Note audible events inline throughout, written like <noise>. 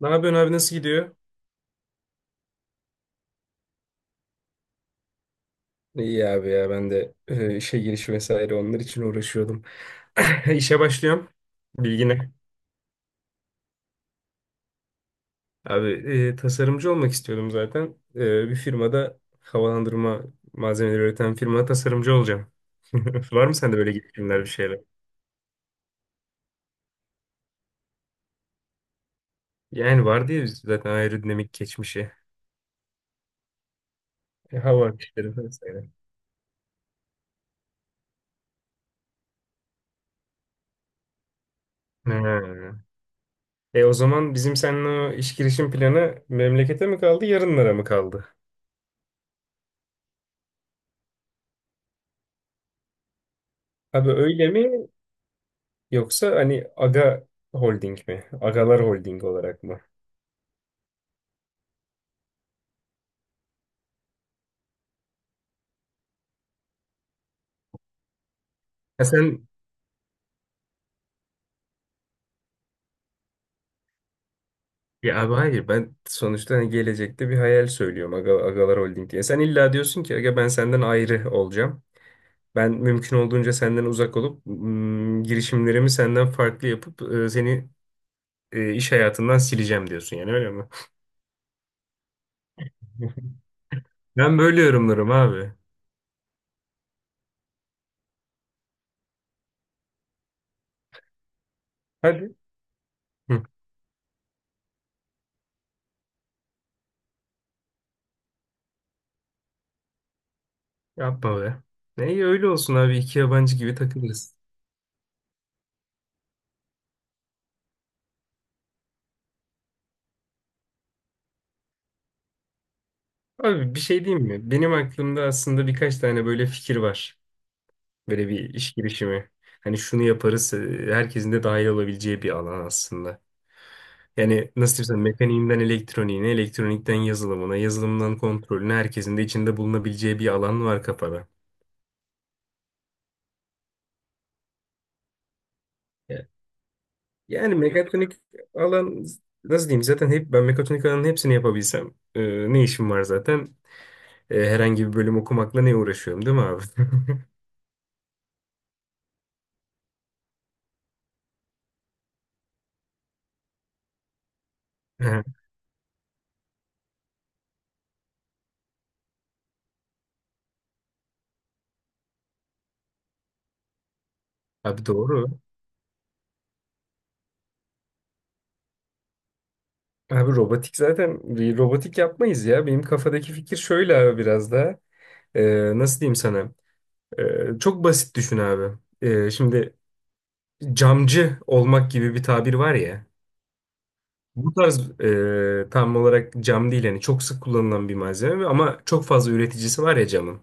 Ne yapıyorsun abi, nasıl gidiyor? İyi abi ya, ben de işe giriş vesaire onlar için uğraşıyordum. <laughs> İşe başlıyorum. Bilgine. Abi tasarımcı olmak istiyordum zaten. Bir firmada havalandırma malzemeleri üreten firmada tasarımcı olacağım. <laughs> Var mı sende böyle girişimler, bir şeyler? Yani var diye biz zaten aerodinamik geçmişi. Hava akışları vesaire. Ha. O zaman bizim seninle o iş girişim planı memlekete mi kaldı, yarınlara mı kaldı? Abi öyle mi? Yoksa hani Aga Holding mi? Agalar Holding olarak mı? Ha sen, ya abi hayır, ben sonuçta hani gelecekte bir hayal söylüyorum, Aga, Agalar Holding diye. Sen illa diyorsun ki Aga, ben senden ayrı olacağım. Ben mümkün olduğunca senden uzak olup girişimlerimi senden farklı yapıp seni iş hayatından sileceğim diyorsun, yani öyle mi? <laughs> Ben böyle yorumlarım abi. Hadi. Hı, yapma be. Ne iyi, öyle olsun abi, iki yabancı gibi takılırız. Abi bir şey diyeyim mi? Benim aklımda aslında birkaç tane böyle fikir var. Böyle bir iş girişimi. Hani şunu yaparız, herkesin de dahil olabileceği bir alan aslında. Yani nasıl diyeyim sana, mekaniğinden elektroniğine, elektronikten yazılımına, yazılımdan kontrolüne herkesin de içinde bulunabileceği bir alan var kafada. Evet. Yani mekatronik alan nasıl diyeyim, zaten hep ben mekatronik alanın hepsini yapabilsem ne işim var zaten? E, herhangi bir bölüm okumakla ne uğraşıyorum değil mi abi? <laughs> Abi doğru. Abi robotik, zaten bir robotik yapmayız ya. Benim kafadaki fikir şöyle abi, biraz da. Nasıl diyeyim sana? Çok basit düşün abi. Şimdi camcı olmak gibi bir tabir var ya. Bu tarz tam olarak cam değil, yani çok sık kullanılan bir malzeme ama çok fazla üreticisi var ya camın.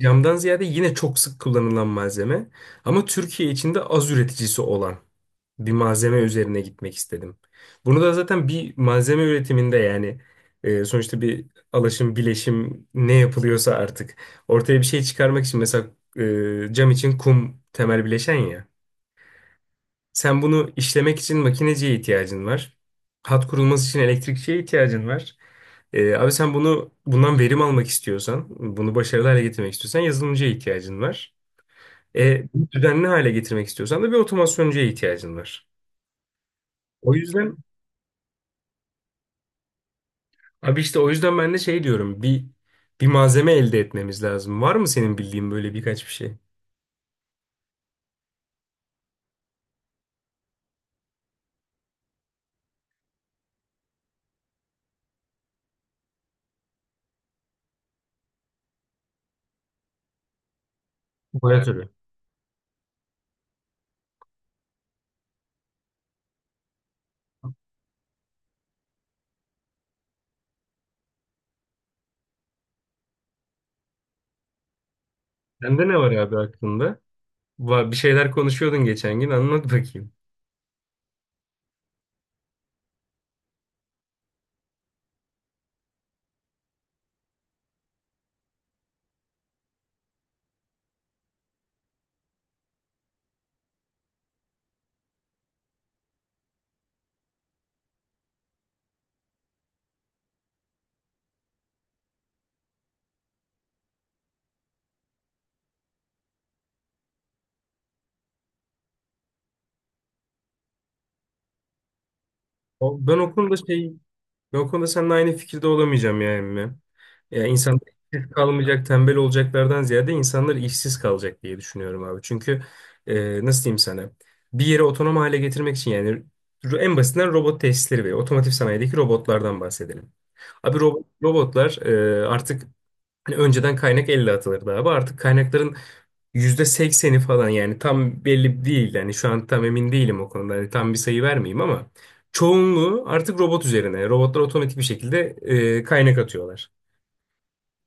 Camdan ziyade yine çok sık kullanılan malzeme ama Türkiye içinde az üreticisi olan bir malzeme üzerine gitmek istedim. Bunu da zaten bir malzeme üretiminde, yani sonuçta bir alaşım, bileşim ne yapılıyorsa artık ortaya bir şey çıkarmak için, mesela cam için kum temel bileşen ya. Sen bunu işlemek için makineciye ihtiyacın var. Hat kurulması için elektrikçiye ihtiyacın var. Abi sen bunu, bundan verim almak istiyorsan, bunu başarılı hale getirmek istiyorsan yazılımcıya ihtiyacın var. E, bunu düzenli hale getirmek istiyorsan da bir otomasyoncuya ihtiyacın var. O yüzden abi, işte o yüzden ben de şey diyorum, bir malzeme elde etmemiz lazım. Var mı senin bildiğin böyle birkaç bir şey? Boya türü. Sende ne var abi aklında? Bir şeyler konuşuyordun geçen gün, anlat bakayım. Ben o konuda şey, ben o konuda seninle aynı fikirde olamayacağım ya emmi. Ya insanlar işsiz kalmayacak, tembel olacaklardan ziyade insanlar işsiz kalacak diye düşünüyorum abi. Çünkü nasıl diyeyim sana? Bir yeri otonom hale getirmek için, yani en basitinden robot tesisleri ve otomotiv sanayideki robotlardan bahsedelim. Abi robotlar e, artık hani önceden kaynak %50 atılırdı abi. Artık kaynakların %80'i falan, yani tam belli değil. Yani şu an tam emin değilim o konuda. Hani tam bir sayı vermeyeyim ama çoğunluğu artık robot üzerine. Robotlar otomatik bir şekilde kaynak atıyorlar.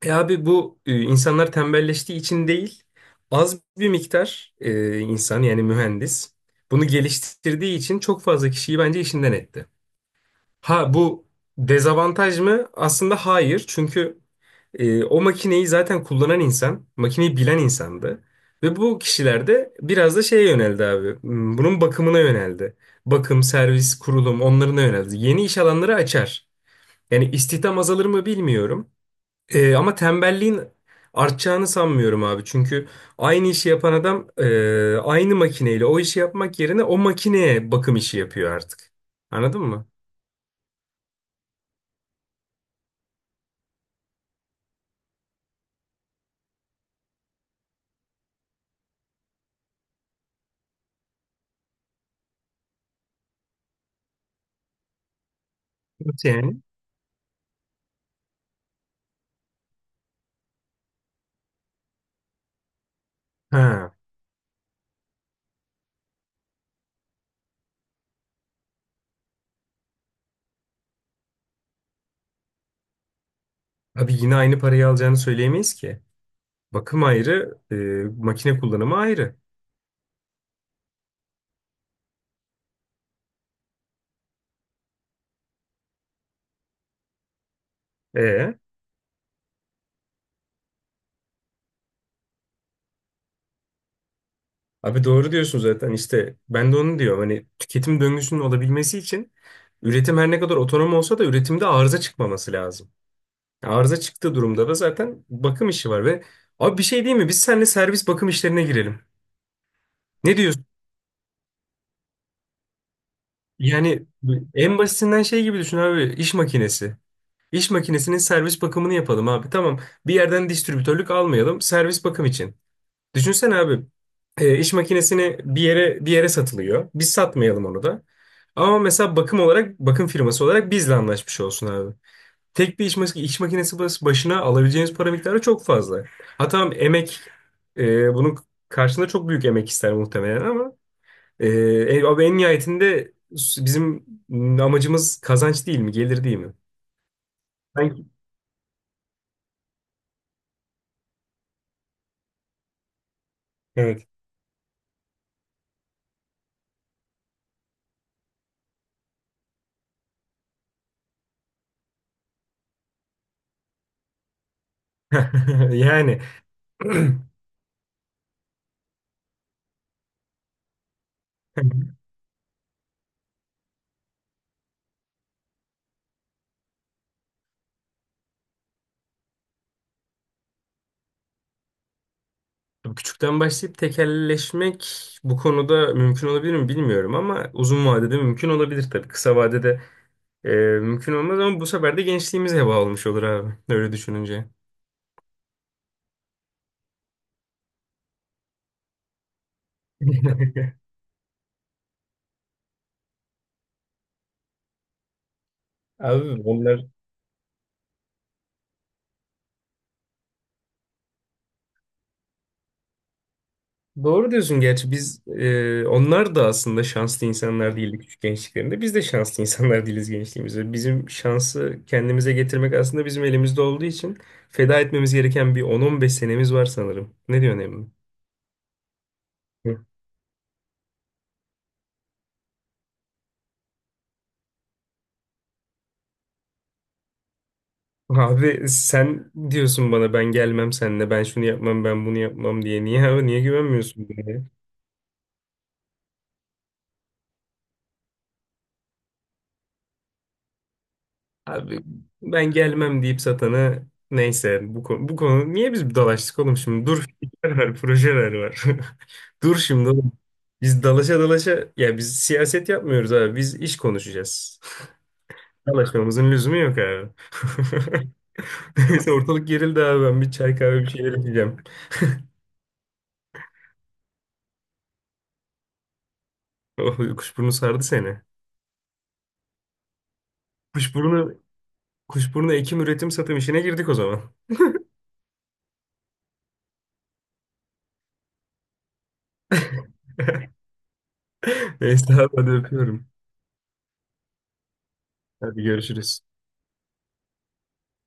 E abi bu, insanlar tembelleştiği için değil, az bir miktar insan, yani mühendis bunu geliştirdiği için çok fazla kişiyi bence işinden etti. Ha bu dezavantaj mı? Aslında hayır. Çünkü o makineyi zaten kullanan insan, makineyi bilen insandı. Ve bu kişiler de biraz da şeye yöneldi abi. Hmm, bunun bakımına yöneldi. Bakım, servis, kurulum onlarına yöneldi. Yeni iş alanları açar. Yani istihdam azalır mı bilmiyorum. E, ama tembelliğin artacağını sanmıyorum abi. Çünkü aynı işi yapan adam aynı makineyle o işi yapmak yerine o makineye bakım işi yapıyor artık. Anladın mı? Nasıl yani? Ha, abi yine aynı parayı alacağını söyleyemeyiz ki. Bakım ayrı, makine kullanımı ayrı. E, abi doğru diyorsun, zaten işte ben de onu diyorum. Hani tüketim döngüsünün olabilmesi için üretim her ne kadar otonom olsa da üretimde arıza çıkmaması lazım. Arıza çıktığı durumda da zaten bakım işi var ve abi bir şey değil mi? Biz seninle servis bakım işlerine girelim. Ne diyorsun? Yani en basitinden şey gibi düşün abi, iş makinesi. İş makinesinin servis bakımını yapalım abi. Tamam. Bir yerden distribütörlük almayalım. Servis bakım için. Düşünsene abi, iş makinesini bir yere satılıyor. Biz satmayalım onu da. Ama mesela bakım olarak, bakım firması olarak bizle anlaşmış olsun abi. Tek bir iş, iş makinesi başına alabileceğiniz para miktarı çok fazla. Ha tamam, emek, bunun karşılığında çok büyük emek ister muhtemelen ama abi en nihayetinde bizim amacımız kazanç değil mi? Gelir değil mi? Sanki. Evet. <laughs> Yani <clears throat> tabii. Küçükten başlayıp tekelleşmek bu konuda mümkün olabilir mi bilmiyorum ama uzun vadede mümkün olabilir tabii. Kısa vadede e, mümkün olmaz, ama bu sefer de gençliğimiz heba olmuş olur abi öyle düşününce. <laughs> Abi onlar, doğru diyorsun, gerçi biz, onlar da aslında şanslı insanlar değildi küçük gençliklerinde. Biz de şanslı insanlar değiliz gençliğimizde. Bizim şansı kendimize getirmek aslında bizim elimizde olduğu için feda etmemiz gereken bir 10-15 senemiz var sanırım. Ne diyorsun Emre? Abi sen diyorsun bana, ben gelmem seninle, ben şunu yapmam, ben bunu yapmam diye. Niye abi, niye güvenmiyorsun bana ya? Abi ben gelmem deyip satana, neyse bu konu, bu konu niye biz dalaştık oğlum şimdi? Dur, fikirler var, projeler var. <laughs> Dur şimdi oğlum. Biz dalaşa dalaşa, ya biz siyaset yapmıyoruz abi, biz iş konuşacağız. <laughs> Dalaşmamızın lüzumu yok abi. <laughs> Neyse, ortalık gerildi abi, ben bir çay kahve bir şeyler içeceğim. Oh, kuşburnu sardı seni. Kuşburnu Kuşburnu ekim, üretim, satım işine girdik o zaman. <laughs> Neyse abi, hadi öpüyorum. Hadi görüşürüz.